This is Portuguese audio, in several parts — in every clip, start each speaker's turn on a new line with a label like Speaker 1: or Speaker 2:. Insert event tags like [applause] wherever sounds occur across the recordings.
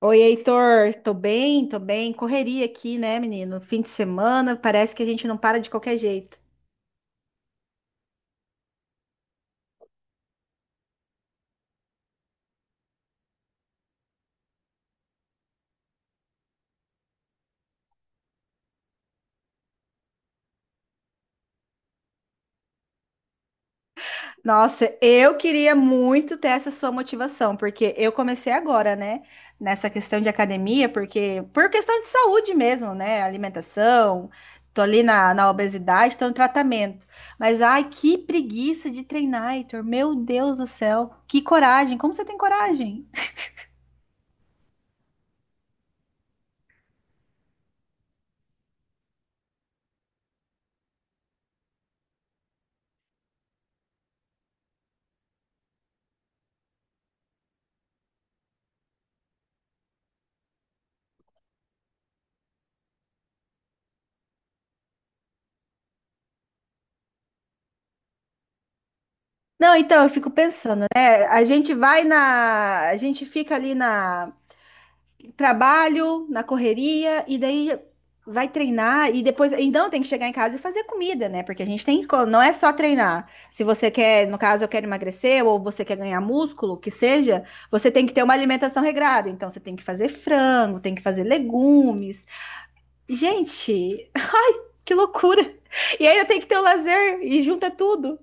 Speaker 1: Oi, Heitor, tô bem, tô bem. Correria aqui, né, menino? Fim de semana, parece que a gente não para de qualquer jeito. Nossa, eu queria muito ter essa sua motivação, porque eu comecei agora, né, nessa questão de academia, porque por questão de saúde mesmo, né, alimentação, tô ali na obesidade, tô no tratamento. Mas ai, que preguiça de treinar, Heitor, meu Deus do céu, que coragem, como você tem coragem? Não, então eu fico pensando, né, a gente fica ali na trabalho, na correria, e daí vai treinar, e depois, então tem que chegar em casa e fazer comida, né? Porque a gente tem, não é só treinar. Se você quer, no caso, eu quero emagrecer, ou você quer ganhar músculo, que seja, você tem que ter uma alimentação regrada. Então você tem que fazer frango, tem que fazer legumes. Gente, [laughs] que loucura! E ainda tem que ter o lazer, e junta tudo.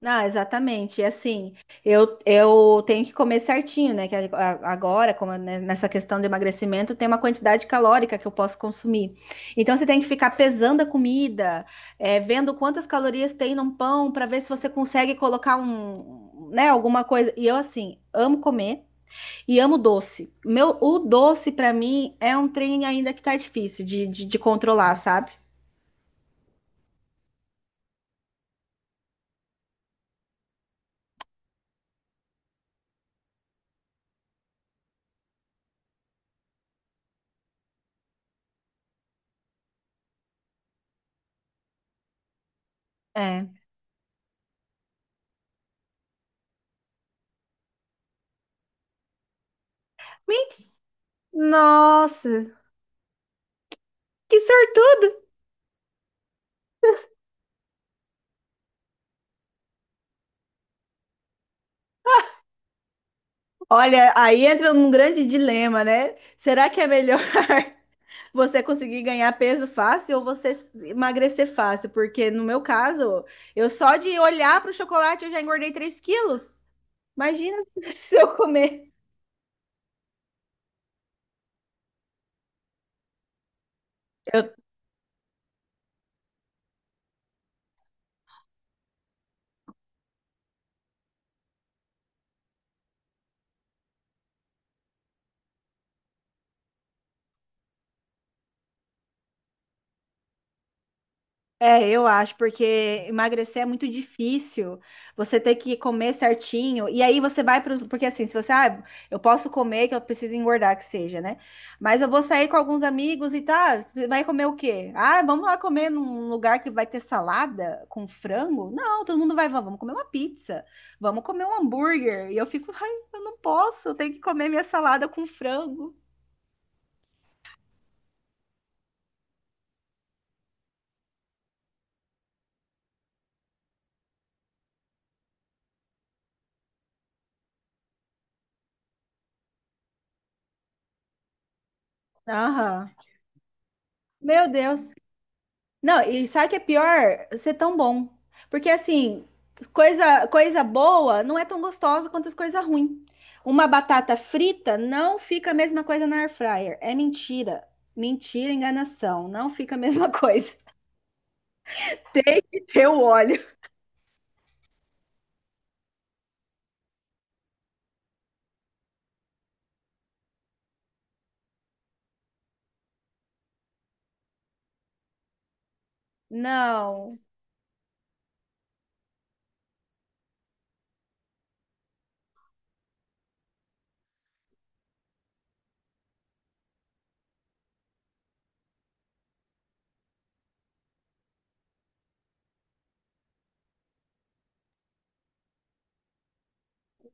Speaker 1: Não, exatamente. E assim, eu tenho que comer certinho, né? Que agora, como né, nessa questão de emagrecimento, tem uma quantidade calórica que eu posso consumir. Então, você tem que ficar pesando a comida, é, vendo quantas calorias tem num pão, para ver se você consegue colocar um, né, alguma coisa. E eu, assim, amo comer e amo doce. Meu, o doce, para mim, é um trem ainda que tá difícil de controlar, sabe? É. Ment- Nossa, que sortudo! Olha, aí entra num grande dilema, né? Será que é melhor [laughs] você conseguir ganhar peso fácil ou você emagrecer fácil? Porque no meu caso, eu só de olhar para o chocolate eu já engordei 3 quilos. Imagina [laughs] se eu comer. Eu É, eu acho, porque emagrecer é muito difícil. Você tem que comer certinho. E aí você vai para os. Porque assim, se você. Ah, eu posso comer, que eu preciso engordar, que seja, né? Mas eu vou sair com alguns amigos e tá. Você vai comer o quê? Ah, vamos lá comer num lugar que vai ter salada com frango? Não, todo mundo vai. Vamos comer uma pizza. Vamos comer um hambúrguer. E eu fico. Ai, eu não posso. Eu tenho que comer minha salada com frango. Aham. Meu Deus. Não, e sabe o que é pior? Ser tão bom. Porque assim, coisa boa não é tão gostosa quanto as coisas ruins. Uma batata frita não fica a mesma coisa na air fryer. É mentira. Mentira, enganação. Não fica a mesma [laughs] coisa. Tem que ter o óleo. Não.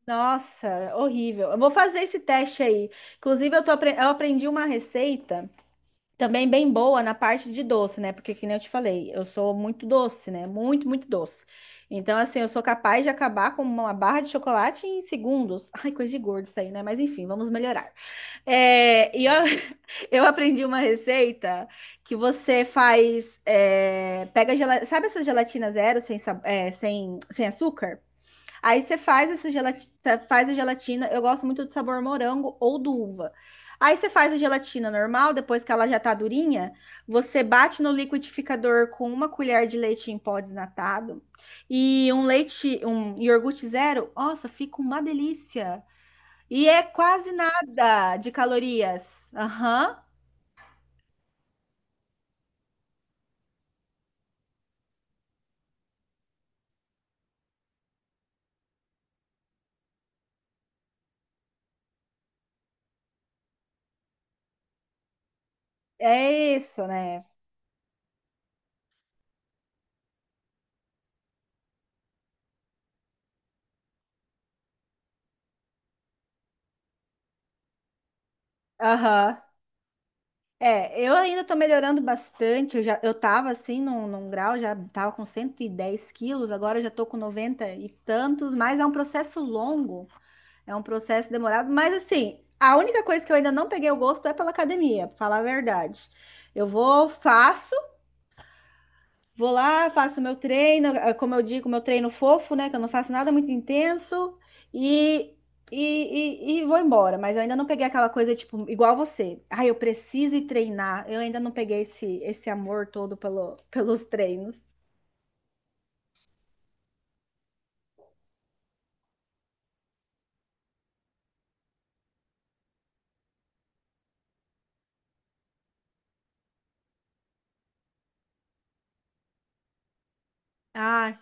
Speaker 1: Nossa, horrível. Eu vou fazer esse teste aí. Inclusive, eu aprendi uma receita. Também bem boa na parte de doce, né? Porque, que nem eu te falei, eu sou muito doce, né? Muito, muito doce. Então, assim, eu sou capaz de acabar com uma barra de chocolate em segundos. [laughs] Ai, coisa de gordo isso aí, né? Mas enfim, vamos melhorar. É, [laughs] eu aprendi uma receita que você faz. É, pega gelatina. Sabe essa gelatina zero sem, sa- é, sem, sem açúcar? Aí você faz essa gelatina, faz a gelatina. Eu gosto muito do sabor morango ou do uva. Aí você faz a gelatina normal, depois que ela já tá durinha, você bate no liquidificador com uma colher de leite em pó desnatado e um leite, um iogurte zero. Nossa, fica uma delícia. E é quase nada de calorias. Aham. É isso, né? Aham. É, eu ainda tô melhorando bastante. Eu já, eu tava assim num grau, já tava com 110 quilos, agora eu já tô com 90 e tantos, mas é um processo longo, é um processo demorado. Mas assim, a única coisa que eu ainda não peguei o gosto é pela academia, pra falar a verdade. Eu vou, faço. Vou lá, faço meu treino, como eu digo, meu treino fofo, né? Que eu não faço nada muito intenso e, e vou embora. Mas eu ainda não peguei aquela coisa, tipo, igual você. Ai, eu preciso ir treinar. Eu ainda não peguei esse, amor todo pelos treinos. Ah,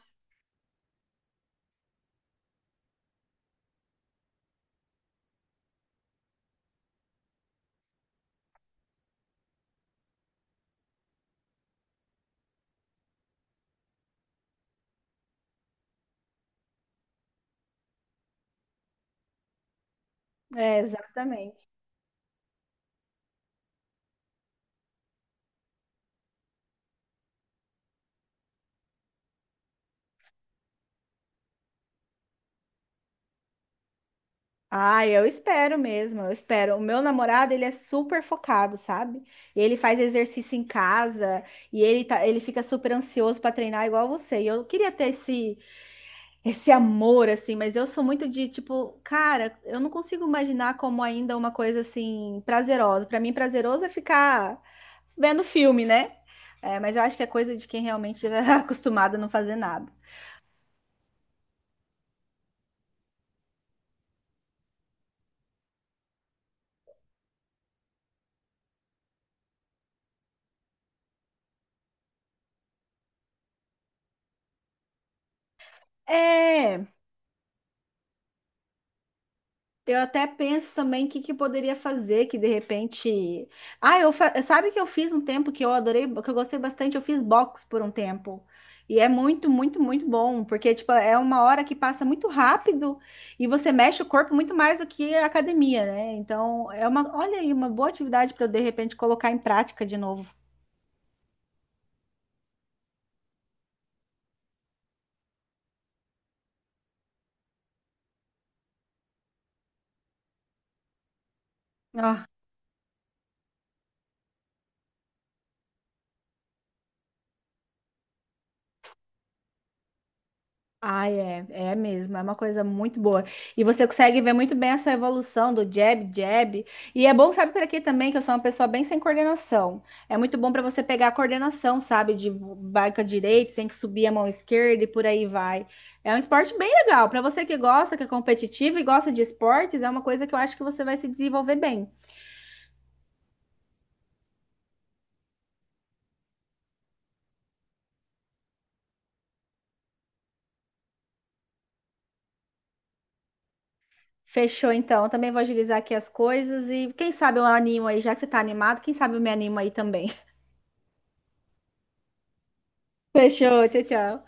Speaker 1: é, exatamente. Ah, eu espero mesmo, eu espero. O meu namorado, ele é super focado, sabe? Ele faz exercício em casa e ele tá, ele fica super ansioso para treinar igual você. E eu queria ter esse esse amor, assim, mas eu sou muito de tipo, cara, eu não consigo imaginar como ainda uma coisa assim prazerosa. Pra mim, prazeroso é ficar vendo filme, né? É, mas eu acho que é coisa de quem realmente já [laughs] é acostumado a não fazer nada. É, eu até penso também o que, que eu poderia fazer, que de repente. Ah, sabe que eu fiz um tempo que eu adorei, que eu gostei bastante, eu fiz box por um tempo. E é muito, muito, muito bom, porque tipo, é uma hora que passa muito rápido e você mexe o corpo muito mais do que a academia, né? Então, é uma, olha aí, uma boa atividade para eu de repente colocar em prática de novo. Ah, é, é mesmo, é uma coisa muito boa. E você consegue ver muito bem a sua evolução do jab, jab. E é bom, sabe, por aqui também, que eu sou uma pessoa bem sem coordenação. É muito bom para você pegar a coordenação, sabe, de vai com a direita, tem que subir a mão esquerda e por aí vai. É um esporte bem legal. Para você que gosta, que é competitivo e gosta de esportes, é uma coisa que eu acho que você vai se desenvolver bem. Fechou, então. Eu também vou agilizar aqui as coisas e quem sabe eu animo aí, já que você tá animado, quem sabe eu me animo aí também. [laughs] Fechou, tchau, tchau.